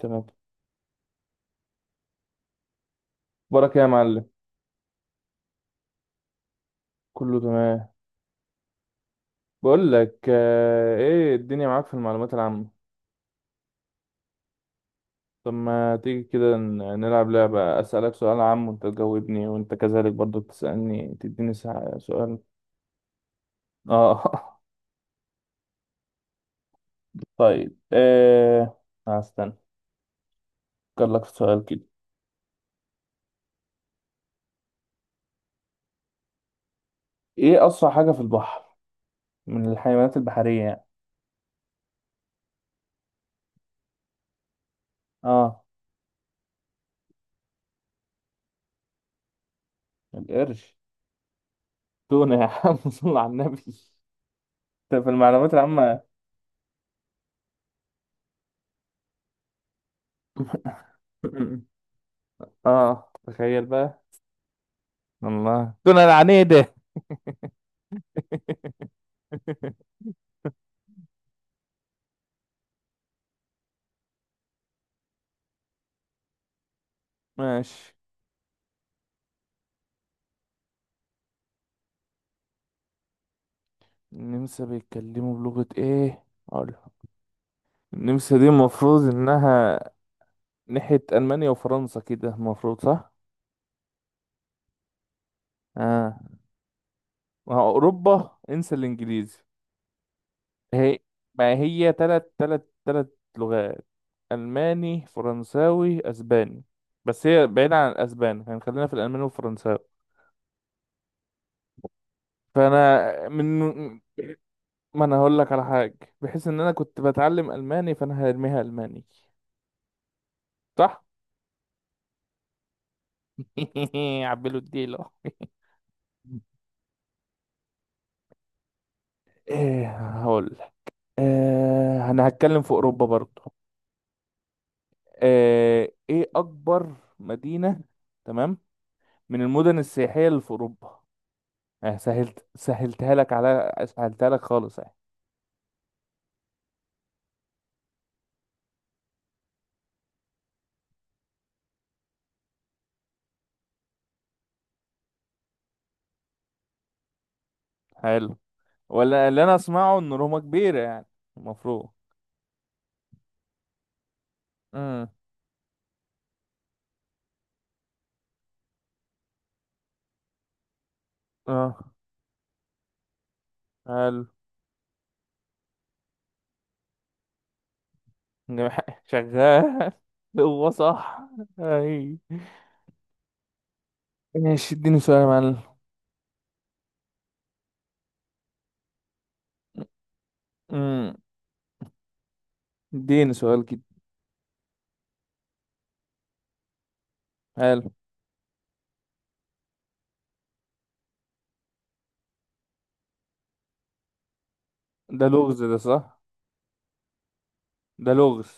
تمام. بركة يا معلم. كله تمام. بقول لك آه، ايه الدنيا معاك في المعلومات العامة؟ طب ما تيجي كده نلعب لعبة أسألك سؤال عام وانت تجاوبني وانت كذلك برضو تسألني تديني سؤال. اه. طيب آه، هستنى افكر لك في سؤال كده. ايه أسرع حاجة في البحر من الحيوانات البحرية يعني؟ اه. القرش؟ تونة يا عم. صل على النبي، انت في المعلومات العامة. اه تخيل بقى. الله دون العنيدة. ماشي. النمسا بيتكلموا بلغة ايه اقول؟ النمسا دي المفروض انها ناحية المانيا وفرنسا كده، المفروض صح. اه، ما هو اوروبا انسى الانجليزي. هي ما هي تلات لغات، الماني فرنساوي اسباني. بس هي بعيدة عن الاسباني يعني خلينا في الالماني والفرنساوي. فانا من، ما انا هقول لك على حاجه، بحيث ان انا كنت بتعلم الماني فانا هرميها الماني. صح. عبلو الديلة. ايه هقول لك. إيه، انا هتكلم في اوروبا برضو. إيه، ايه اكبر مدينه، تمام، من المدن السياحيه اللي في اوروبا؟ آه سهلت، سهلتها لك، على سهلتها لك خالص يعني. حلو. ولا اللي انا اسمعه ان روما كبيره يعني، المفروض. امم. اه. حلو. شغال. هو صح. اي. ماشي، اديني سؤال يا معلم. امم. اديني سؤال كده. حلو. ده لغز ده، صح؟ ده لغز.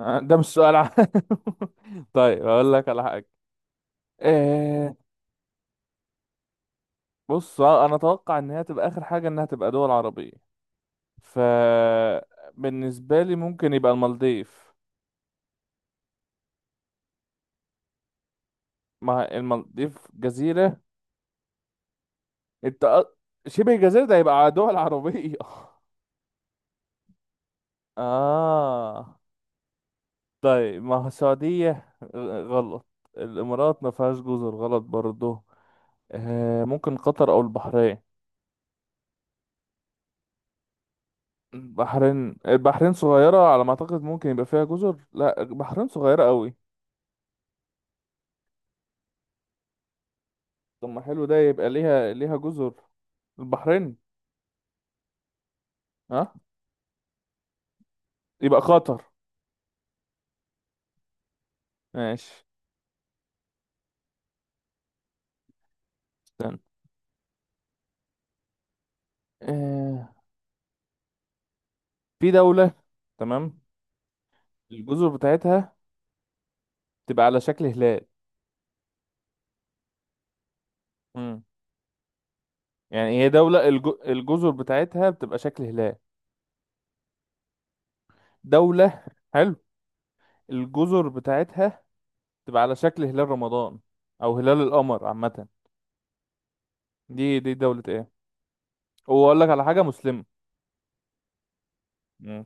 آه، ده مش سؤال عام. طيب اقول لك على حاجه. آه. بص آه، انا اتوقع ان هي تبقى اخر حاجه انها تبقى دول عربيه. ف، بالنسبه لي ممكن يبقى المالديف. ما المالديف جزيره. انت أ- شبه جزيره ده يبقى دول عربيه. اه طيب، ما هو السعودية، آه، غلط. الإمارات ما فيهاش جزر، غلط برضه. آه ممكن قطر أو البحرين. البحرين صغيرة على ما أعتقد، ممكن يبقى فيها جزر. لا البحرين صغيرة قوي. طب ما حلو ده، يبقى ليها جزر. البحرين. ها. يبقى قطر. ماشي. استنى. آه. في دولة، تمام، الجزر بتاعتها تبقى على شكل هلال. مم. يعني هي دولة الجزر بتاعتها بتبقى شكل هلال. دولة، حلو، الجزر بتاعتها تبقى على شكل هلال رمضان او هلال القمر عامه. دي دولة ايه؟ واقول لك على حاجة، مسلمة. مم.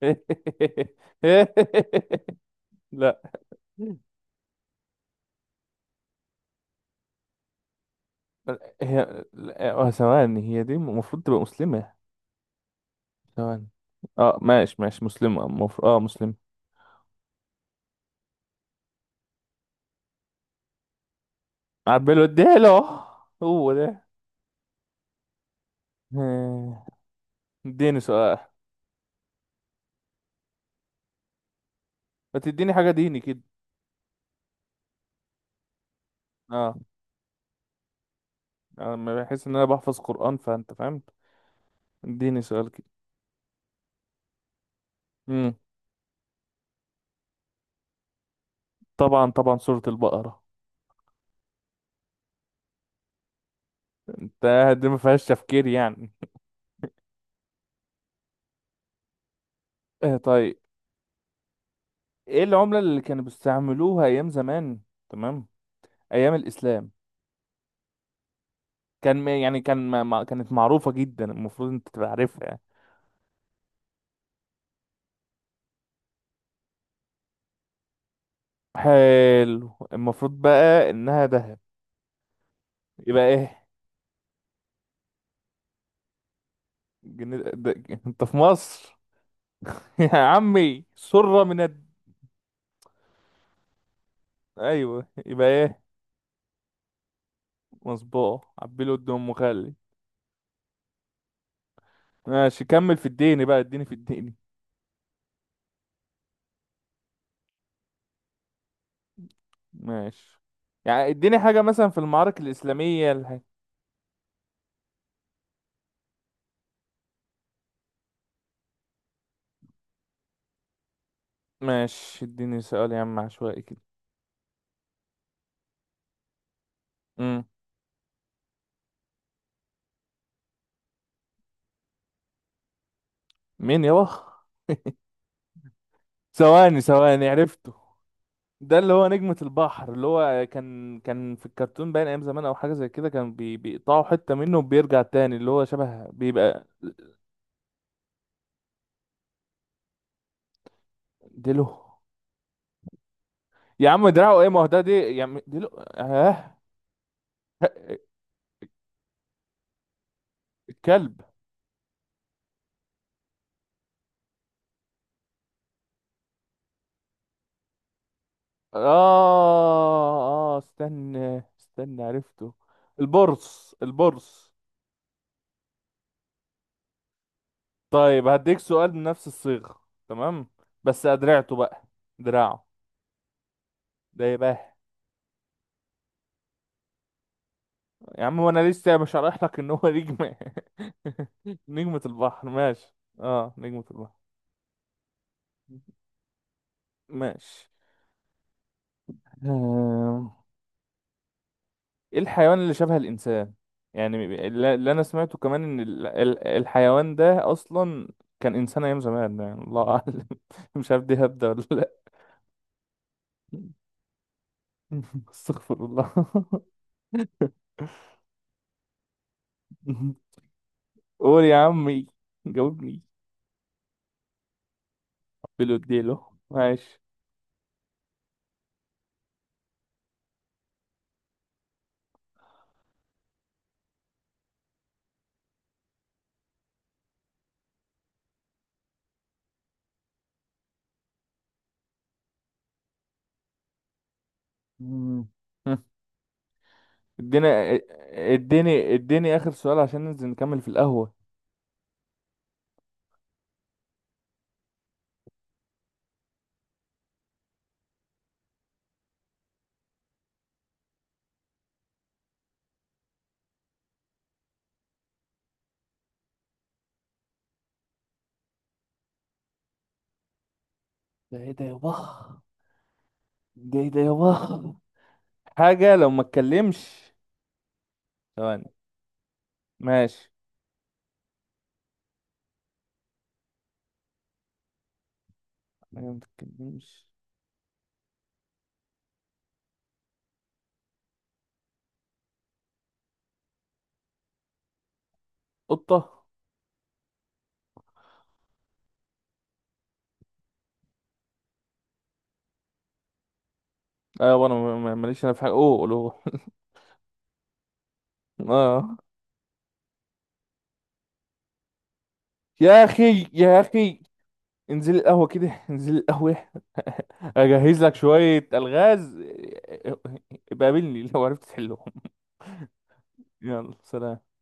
لا هي، لا، آه، ثواني، هي دي المفروض تبقى مسلمة. ثواني. اه ماشي، ماشي مسلمة، مفروض اه مسلمة. عبله اديله. هو ده. آه، اديني سؤال. ما تديني حاجة ديني كده. اه، انا بحس ان انا بحفظ قرآن، فانت فاهم. اديني سؤال كده. طبعا طبعا، سورة البقرة. ده دي ما فيهاش تفكير يعني. آه طيب. ايه العملة اللي كانوا بيستعملوها ايام زمان، تمام، ايام الاسلام؟ كان يعني كان كانت معروفة جدا، المفروض انت تبقى عارفها يعني. حلو، المفروض بقى انها ذهب. يبقى ايه؟ جن... ده... انت في مصر. يا عمي سرة من ايوه يبقى ايه؟ مصبوغ عبيله قد ام خالي. ماشي، كمل في الدين بقى، اديني في الدين. ماشي، يعني اديني حاجة مثلا في المعارك الإسلامية ماشي اديني سؤال يا عم عشوائي كده. امم. مين يابا؟ ثواني عرفته. ده اللي هو نجمة البحر، اللي هو كان في الكرتون باين أيام زمان، أو حاجة زي كده، كان بيقطعوا حتة منه وبيرجع تاني، اللي هو شبه بيبقى. ديلو؟ يا عم دراعه ايه، ما هو ده دي يا عم ديلو اه. الكلب. اه. اه استنى عرفته، البرص، طيب هديك سؤال بنفس الصيغة، تمام، بس أدرعته بقى. دراعه ده يبقى. يا عم وانا لسه مش هشرح لك ان هو نجمة. نجمة البحر، ماشي. اه نجمة البحر. ماشي. آم، ايه الحيوان اللي شبه الانسان؟ يعني اللي انا سمعته كمان ان الحيوان ده اصلا كان انسان ايام زمان يعني، الله اعلم. مش عارف دي هبدة ولا لا. استغفر الله. قول يا عمي جاوبني. بيلو اديله ماشي. مم. اديني اديني اخر سؤال عشان ننزل نكمل في القهوة. ده ايه ده يابا؟ ده ايه ده يابا؟ حاجة لو ما اتكلمش. ثواني. ماشي. حاجة ما تتكلمش. قطة؟ ايوه انا ماليش انا في حاجة، اوه قولوه. اه. يا اخي يا اخي انزل القهوة كده، انزل القهوة. اجهز لك شوية الغاز. بقابلني لو عرفت تحلهم. يلا سلام.